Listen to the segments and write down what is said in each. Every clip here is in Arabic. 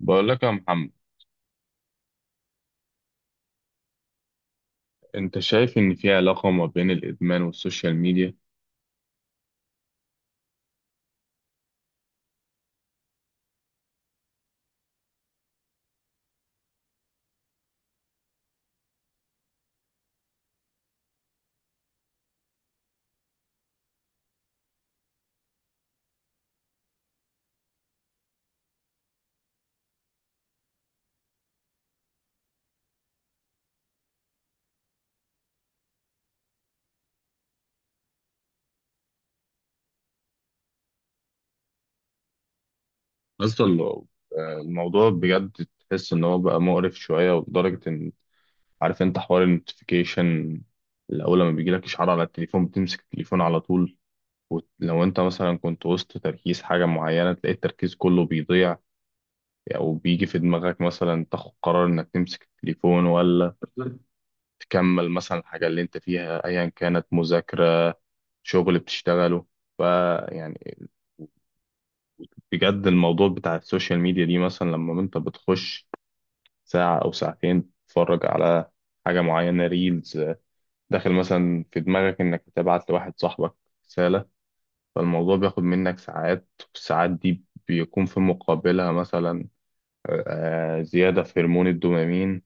بقول لك يا محمد، انت شايف ان في علاقة ما بين الادمان والسوشيال ميديا؟ اصلا لو- آه، الموضوع بجد تحس ان هو بقى مقرف شوية، ولدرجة ان عارف انت حوار النوتيفيكيشن. الاول لما بيجي لك اشعار على التليفون بتمسك التليفون على طول، ولو انت مثلا كنت وسط تركيز حاجة معينة تلاقي التركيز كله بيضيع، او بيجي في دماغك مثلا تاخد قرار انك تمسك التليفون ولا تكمل مثلا الحاجة اللي انت فيها ايا كانت مذاكرة، شغل بتشتغله. فيعني بجد الموضوع بتاع السوشيال ميديا دي، مثلا لما انت بتخش ساعة او ساعتين تتفرج على حاجة معينة ريلز، داخل مثلا في دماغك انك تبعت لواحد صاحبك رسالة، فالموضوع بياخد منك ساعات. والساعات دي بيكون في مقابلها مثلا زيادة في هرمون الدوبامين.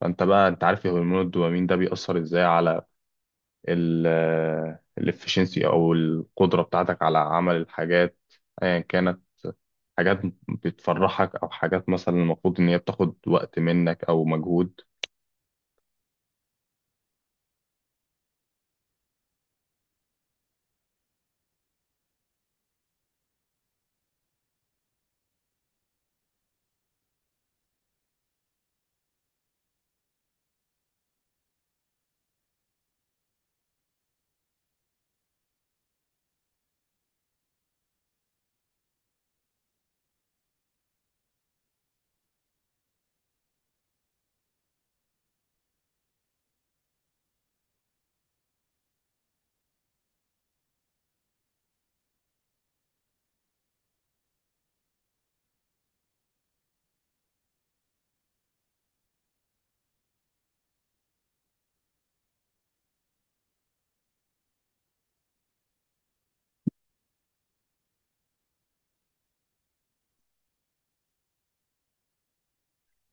فانت بقى انت عارف هرمون الدوبامين ده بيأثر ازاي على الافشنسي او القدرة بتاعتك على عمل الحاجات ايا كانت. حاجات بتفرحك، او حاجات مثلا المفروض ان هي بتاخد وقت منك او مجهود.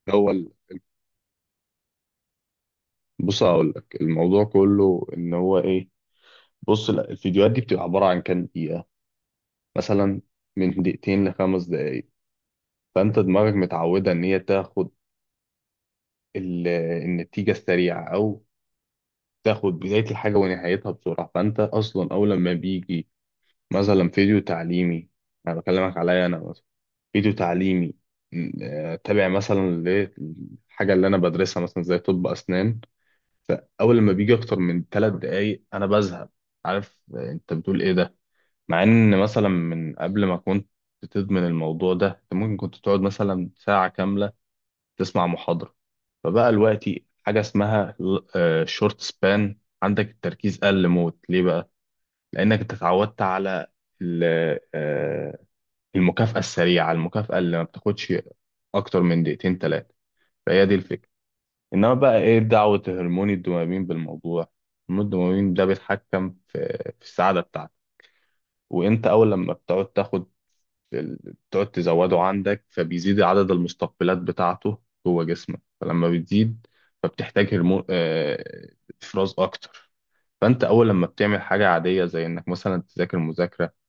هو ال- بص هقول لك الموضوع كله ان هو ايه. بص، لا، الفيديوهات دي بتبقى عبارة عن كام دقيقة؟ مثلا من دقيقتين لخمس دقايق. فانت دماغك متعودة ان هي ال- النتيجة السريعة، او تاخد بداية الحاجة ونهايتها بسرعة. فانت اصلا اول لما بيجي مثلا فيديو تعليمي، انا بكلمك عليا انا مثلا، فيديو تعليمي تابع مثلا للحاجة اللي أنا بدرسها، مثلا زي طب أسنان، فأول لما بيجي أكتر من ثلاث دقايق أنا بزهق. عارف آه، أنت بتقول إيه ده؟ مع إن مثلا من قبل ما كنت تدمن الموضوع ده أنت ممكن كنت تقعد مثلا ساعة كاملة تسمع محاضرة. فبقى دلوقتي حاجة اسمها شورت سبان، عندك التركيز قل موت. ليه بقى؟ لأنك أنت اتعودت على المكافأة السريعة، المكافأة اللي ما بتاخدش أكتر من دقيقتين تلاتة. فهي دي الفكرة. إنما بقى إيه دعوة هرمون الدوبامين بالموضوع؟ هرمون الدوبامين ده بيتحكم في السعادة بتاعتك. وأنت أول لما ال- بتقعد تزوده عندك، فبيزيد عدد المستقبلات بتاعته جوه جسمك. فلما بتزيد، فبتحتاج هرمون آه، إفراز أكتر. فأنت أول لما بتعمل حاجة عادية، زي إنك مثلا تذاكر مذاكرة،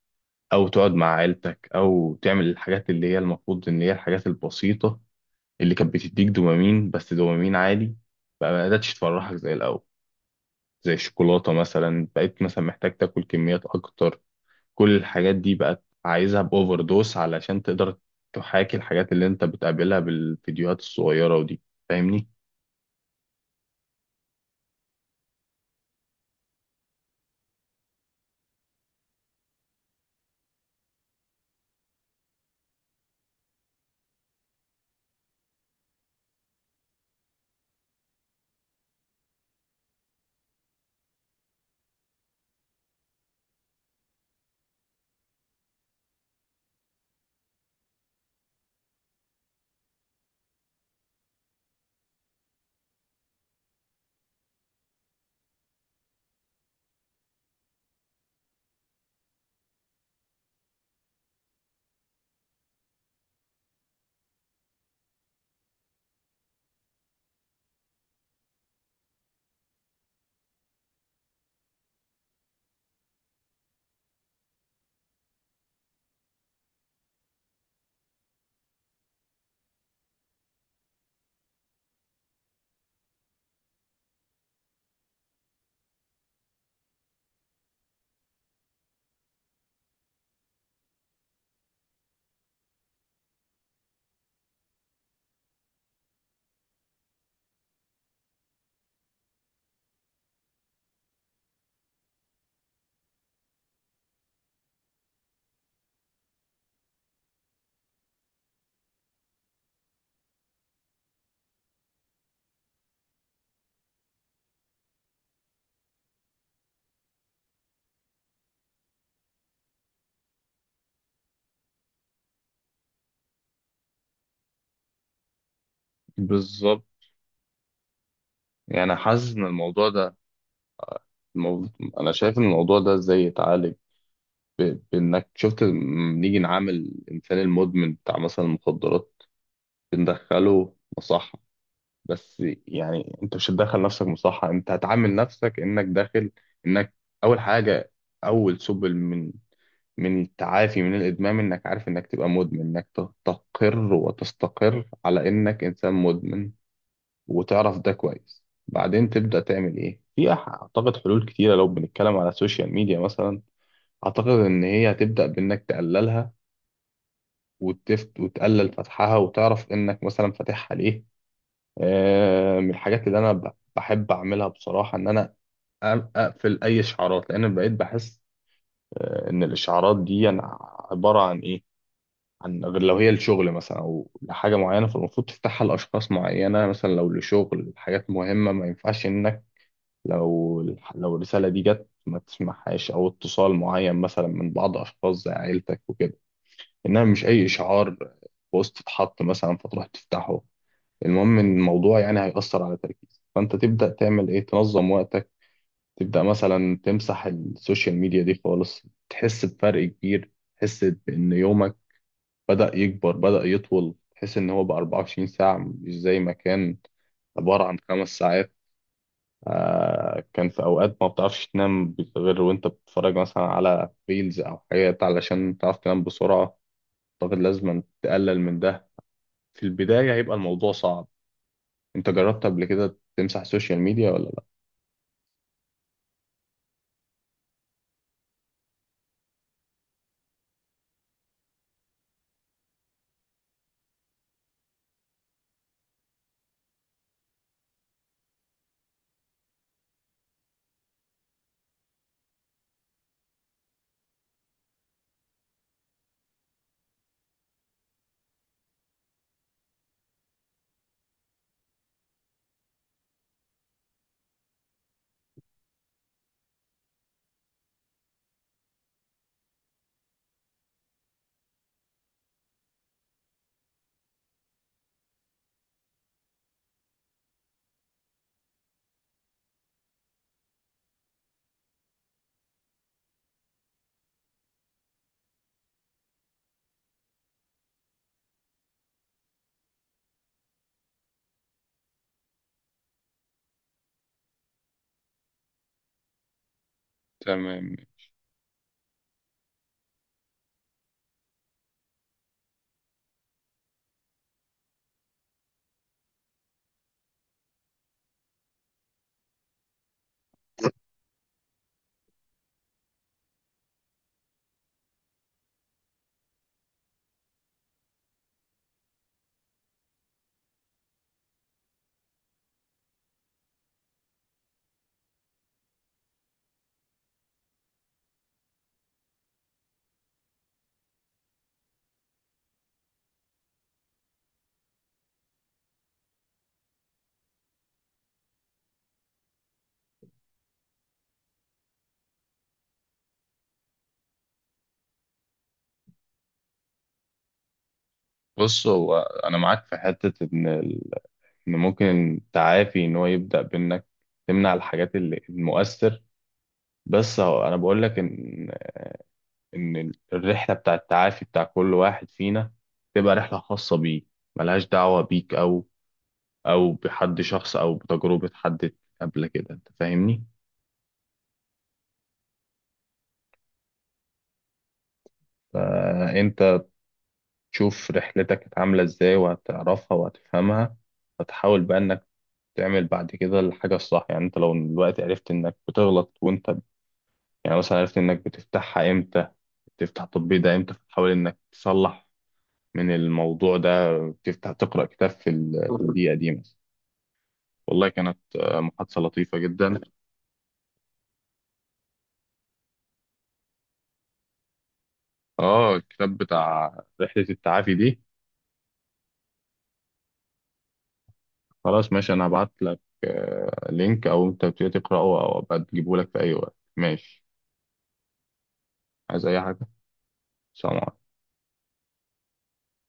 او تقعد مع عيلتك، او تعمل الحاجات اللي هي المفروض ان هي الحاجات البسيطه اللي كانت بتديك دوبامين، بس دوبامين عالي، بقى ما قدرتش تفرحك زي الاول. زي الشوكولاته مثلا، بقيت مثلا محتاج تاكل كميات اكتر. كل الحاجات دي بقت عايزها باوفر دوس علشان تقدر تحاكي الحاجات اللي انت بتقابلها بالفيديوهات الصغيره ودي. فاهمني؟ بالظبط. يعني حاسس ان الموضوع ده، الموضوع، انا شايف ان الموضوع ده ازاي يتعالج؟ بإنك شفت، نيجي نعامل الإنسان المدمن بتاع مثلا المخدرات، بندخله مصحة. بس يعني أنت مش هتدخل نفسك مصحة، أنت هتعامل نفسك إنك أول حاجة، أول سبل من التعافي من الإدمان، إنك عارف إنك تبقى مدمن، إنك تستقر وتستقر على إنك إنسان مدمن، وتعرف ده كويس. بعدين تبدأ تعمل إيه؟ أعتقد حلول كتيرة. لو بنتكلم على السوشيال ميديا مثلا، أعتقد إن هي هتبدأ بإنك تقللها، وتفت وتقلل فتحها، وتعرف انك مثلا فاتحها ليه. من الحاجات اللي انا بحب اعملها بصراحة ان انا أ- اقفل اي اشعارات، لان بقيت بحس ان الاشعارات دي أنا عبارة عن ايه؟ عن غير لو هي لشغل مثلا او لحاجة معينة، فالمفروض تفتحها لاشخاص معينة، مثلا لو لشغل حاجات مهمة ما ينفعش انك لو لو الرسالة دي جت ما تسمعهاش، او اتصال معين مثلا من بعض اشخاص زي عيلتك وكده، انها مش اي اشعار بوست اتحط مثلا فتروح تفتحه. المهم ان الموضوع يعني هيأثر على تركيزك، فانت تبدأ تعمل ايه؟ تنظم وقتك، تبدأ مثلا تمسح السوشيال ميديا دي خالص، تحس بفرق كبير، تحس بان يومك بدأ يكبر، بدأ يطول، تحس ان هو بقى 24 ساعة، مش زي ما كان عبارة عن خمس ساعات. آه، كان في اوقات ما بتعرفش تنام غير وانت بتتفرج مثلا على ريلز او حاجات علشان تعرف تنام بسرعة. اعتقد لازم تقلل من ده. في البداية هيبقى الموضوع صعب. انت جربت قبل كده تمسح السوشيال ميديا ولا لا؟ تمام. بص، هو انا معاك في حته ان ان ممكن التعافي ان هو يبدا بانك تمنع الحاجات اللي المؤثر. بس هو انا بقول لك ان الرحله بتاع التعافي بتاع كل واحد فينا تبقى رحله خاصه بيه، ملهاش دعوه بيك، او بحد شخص او بتجربه حد قبل كده، انت فاهمني. فانت تشوف رحلتك كانت عاملة ازاي، وهتعرفها وهتفهمها، فتحاول بقى انك تعمل بعد كده الحاجة الصح. يعني انت لو دلوقتي عرفت انك بتغلط، وانت يعني مثلا عرفت انك بتفتحها امتى، بتفتح التطبيق ده امتى، فتحاول انك تصلح من الموضوع ده، تفتح تقرأ كتاب في في الدقيقة دي مثلا. والله كانت محادثة لطيفة جدا. اه، الكتاب بتاع رحلة التعافي دي؟ خلاص ماشي، انا هبعت لك لينك، او انت بتقرأه او أبقى تجيبه لك في اي وقت، ماشي. عايز اي حاجة؟ سلام.